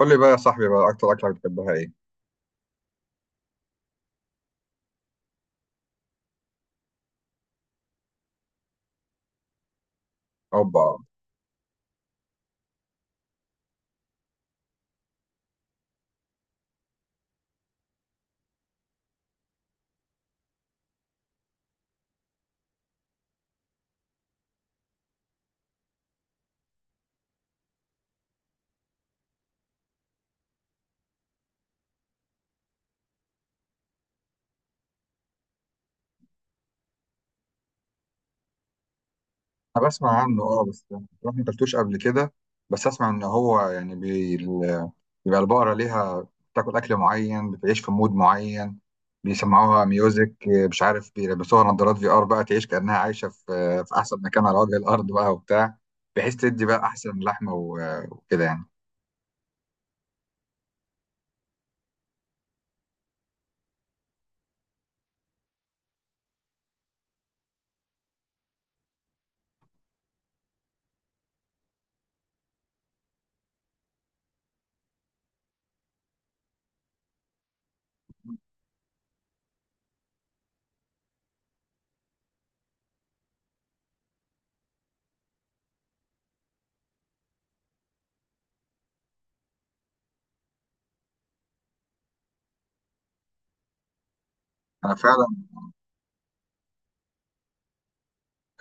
قول لي بقى يا صاحبي بقى، اكتر اكله بتحبها ايه؟ اوبا. انا بسمع عنه بس بصراحه ما اكلتوش قبل كده. بس اسمع ان هو يعني بيبقى البقره ليها، بتاكل اكل معين، بتعيش في مود معين، بيسمعوها ميوزك، مش عارف بيلبسوها نظارات في ار بقى، تعيش كانها عايشه في احسن مكان على وجه الارض بقى وبتاع، بحيث تدي بقى احسن لحمه و- وكده يعني. انا فعلا.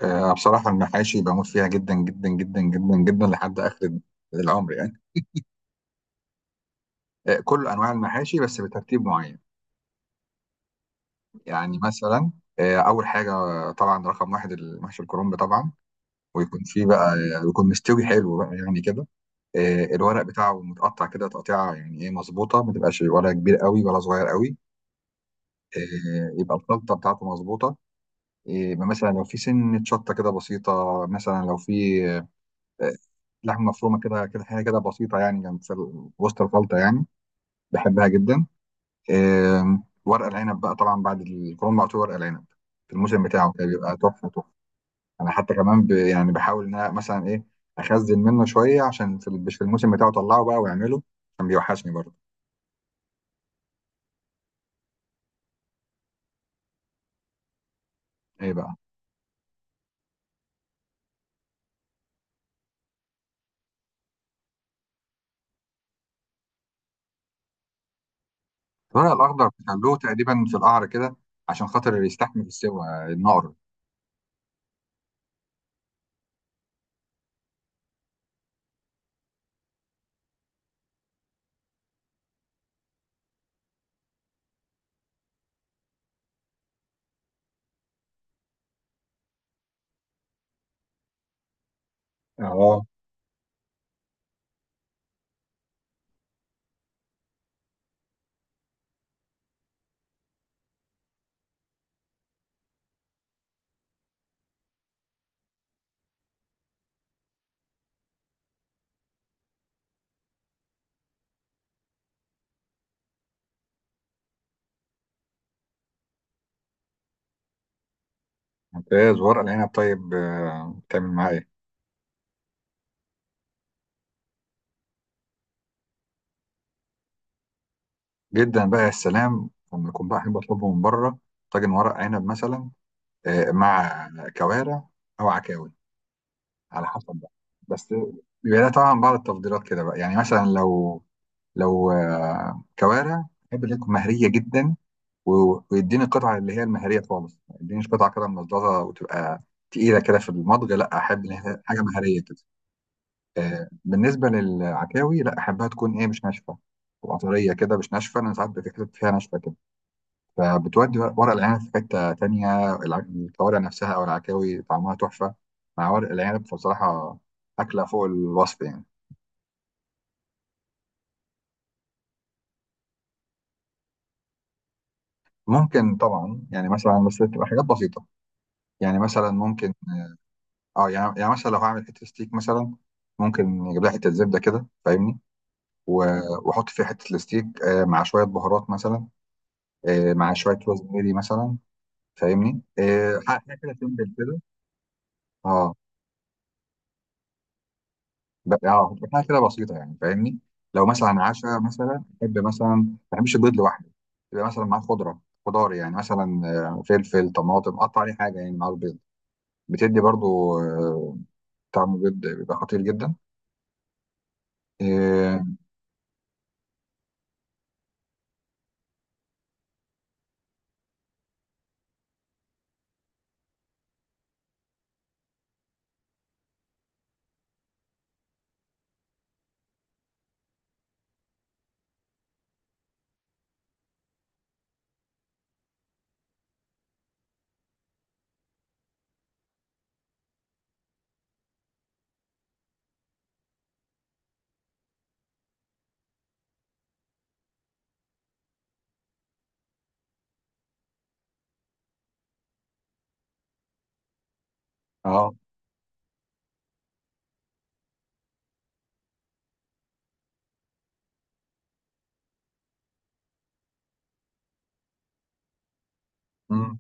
بصراحه المحاشي بموت فيها جدا جدا جدا جدا جدا لحد اخر العمر يعني. كل انواع المحاشي بس بترتيب معين. يعني مثلا، اول حاجه طبعا رقم واحد المحشي الكرنب طبعا. ويكون فيه بقى، يكون مستوي حلو بقى يعني كده. الورق بتاعه متقطع كده، تقطيعه يعني ايه مظبوطه، ما تبقاش ولا كبير قوي ولا صغير قوي. يبقى الخلطه بتاعته مظبوطه. مثلا لو في سنه شطه كده بسيطه، مثلا لو في آه، لحمه مفرومه كده كده حاجه كده بسيطه يعني جنب في وسط الخلطه يعني. بحبها جدا. ورق العنب بقى طبعا بعد الكورونا على طول ورق العنب في الموسم بتاعه كده بيبقى تحفه تحفه. انا حتى كمان يعني بحاول ان انا مثلا ايه اخزن منه شويه عشان في الموسم بتاعه اطلعه بقى واعمله عشان بيوحشني برضه. ايه بقى؟ الورق الاخضر بيخلوه تقريبا في القعر كده عشان خاطر يستحمل السوى، النار. اه. ممتاز. ورق العنب طيب، بتعمل معاه ايه؟ جدا بقى، يا سلام لما يكون بقى، احب اطلبه من بره، طاجن ورق عنب مثلا مع كوارع او عكاوي، على حسب بقى. بس بيبقى لها طبعا بعض التفضيلات كده بقى، يعني مثلا لو لو كوارع، احب اللي تكون مهريه جدا، و- ويديني القطعه اللي هي المهريه خالص، ما يدينيش قطعه كده ملظلظه وتبقى تقيله كده في المضغ. لا، احب ان هي حاجه مهريه كده. بالنسبه للعكاوي، لا احبها تكون ايه، مش ناشفه، تبقى طريه كده مش ناشفه. انا ساعات بيبقى في حتت فيها ناشفه كده، فبتودي ورق العنب في حتة تانية. الكوارع نفسها أو العكاوي طعمها تحفة مع ورق العنب، فبصراحة أكلة فوق الوصف يعني. ممكن طبعا، يعني مثلا بس تبقى حاجات بسيطة. يعني مثلا ممكن، اه يعني مثلا لو هعمل حتة ستيك مثلا، ممكن يجيب لها حتة زبدة كده، فاهمني؟ و- وأحط فيها حتة الستيك مع شوية بهارات مثلا، مع شوية روزماري مثلا، فاهمني؟ حاجة كده تنبل كده. اه بتاع كده بسيطه يعني فاهمني. لو مثلا عشاء مثلا، احب مثلا، ما بحبش البيض لوحده، يبقى مثلا معاه خضره، خضار يعني مثلا، فلفل طماطم، قطع عليه حاجه يعني مع البيض، بتدي برضو طعم البيض بيبقى خطير جدا. اه. آه، مم.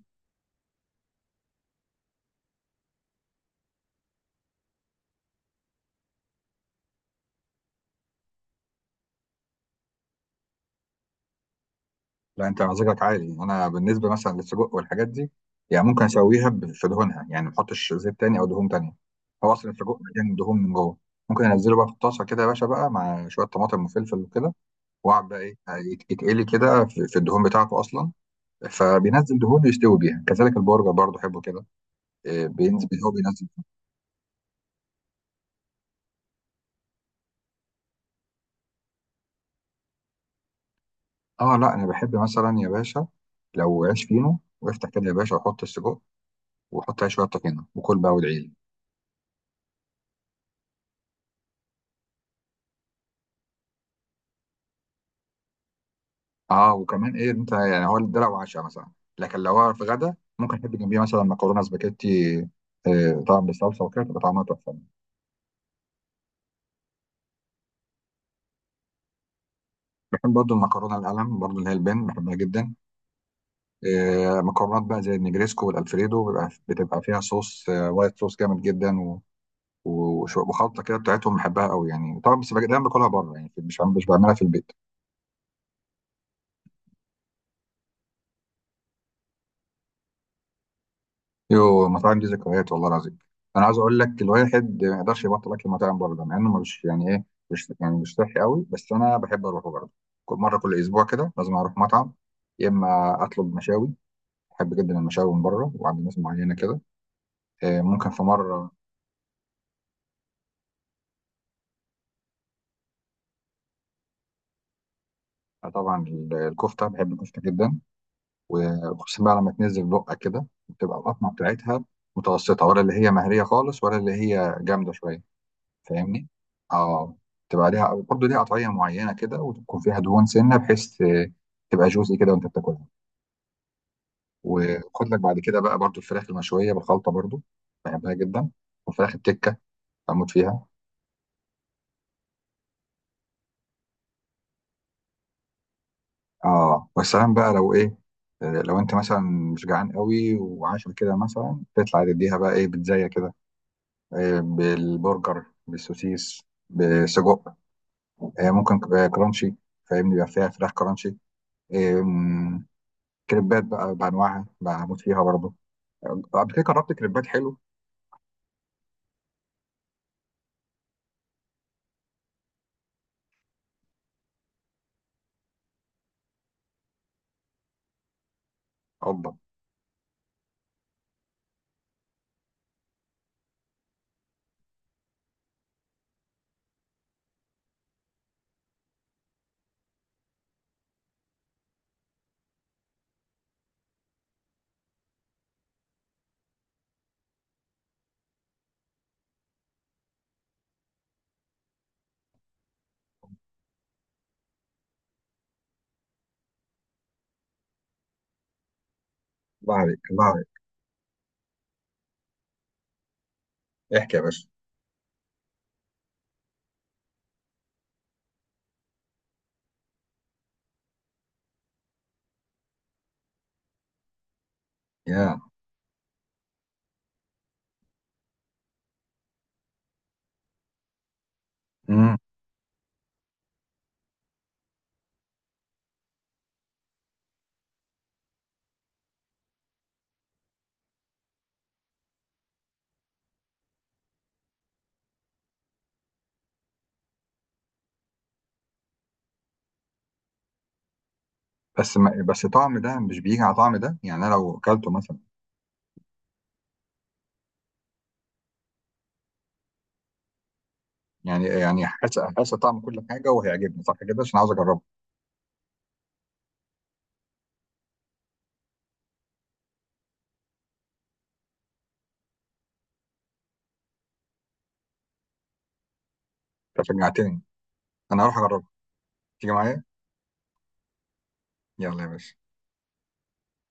لا، انت مزاجك عالي. انا بالنسبه مثلا للسجق والحاجات دي، يعني ممكن اسويها في دهونها، يعني ما احطش زيت تاني او دهون تانيه. هو اصلا السجق مليان دهون من جوه. ممكن انزله بقى في الطاسه كده يا باشا بقى مع شويه طماطم وفلفل وكده، وقع بقى ايه، يتقلي كده في الدهون بتاعته اصلا، فبينزل دهون يستوي بيها. كذلك البرجر برضه احبه كده. بينزل، هو بينزل. اه لا، انا بحب مثلا يا باشا لو عيش فينو وافتح كده يا باشا وحط السجق، وحط عليه شويه طحينه وكل بقى وادعيلي. اه وكمان ايه انت، يعني هو ده لو عشاء مثلا. لكن لو هو في غدا، ممكن احب جنبيه مثلا مكرونه سباكيتي، طبعا بالصلصه وكده تبقى طعمها تحفه. بحب برضه المكرونه القلم برضه اللي هي البن، بحبها جدا. مكرونات بقى زي النجريسكو والالفريدو بتبقى فيها صوص، وايت صوص جامد جدا، و- و- وش- وخلطه كده بتاعتهم بحبها قوي يعني. طبعا بس دايما باكلها بره يعني، مش بعملها في البيت. يو، المطاعم دي ذكريات والله العظيم. انا عايز اقول لك، الواحد ما يقدرش يبطل اكل المطاعم بره، ده مع انه مش يعني ايه، مش يعني، مش صحي قوي، بس انا بحب اروحه برضه. كل مره كل اسبوع كده لازم اروح مطعم، يا اما اطلب مشاوي. بحب جدا المشاوي من بره وعند ناس معينه كده. ممكن في مره، طبعا الكفته، بحب الكفته جدا، وخصوصا بقى لما تنزل لقة كده بتبقى القطمة بتاعتها متوسطة، ولا اللي هي مهرية خالص، ولا اللي هي جامدة شوية. فاهمني؟ اه. تبقى ليها برضه ليها قطعية معينة كده، وتكون فيها دهون سنة بحيث تبقى جوسي كده وانت بتاكلها. وخد لك بعد كده بقى برضه الفراخ المشوية بالخلطة برضه، بحبها جدا. وفراخ التكة بموت فيها. اه والسلام بقى لو ايه، لو انت مثلا مش جعان قوي، وعشان كده مثلا تطلع تديها بقى ايه بتزايا كده، بالبرجر، بالسوسيس، بسجق، ممكن كرانشي، فاهمني؟ بيبقى فيها فراخ كرانشي. آم، كريبات بقى بانواعها بموت فيها برضه. قبل كده جربت كريبات حلو. الله! الله عليك، الله عليك. احكي يا باشا. يا. امم. بس ما بس طعم ده مش بيجي على طعم ده، يعني انا لو اكلته مثلا، يعني حاسس طعم كل حاجه، وهيعجبني صح كده، عشان عاوز اجربه. انت شجعتني. انا هروح اجربه. تيجي معايا؟ يلا يا باشا.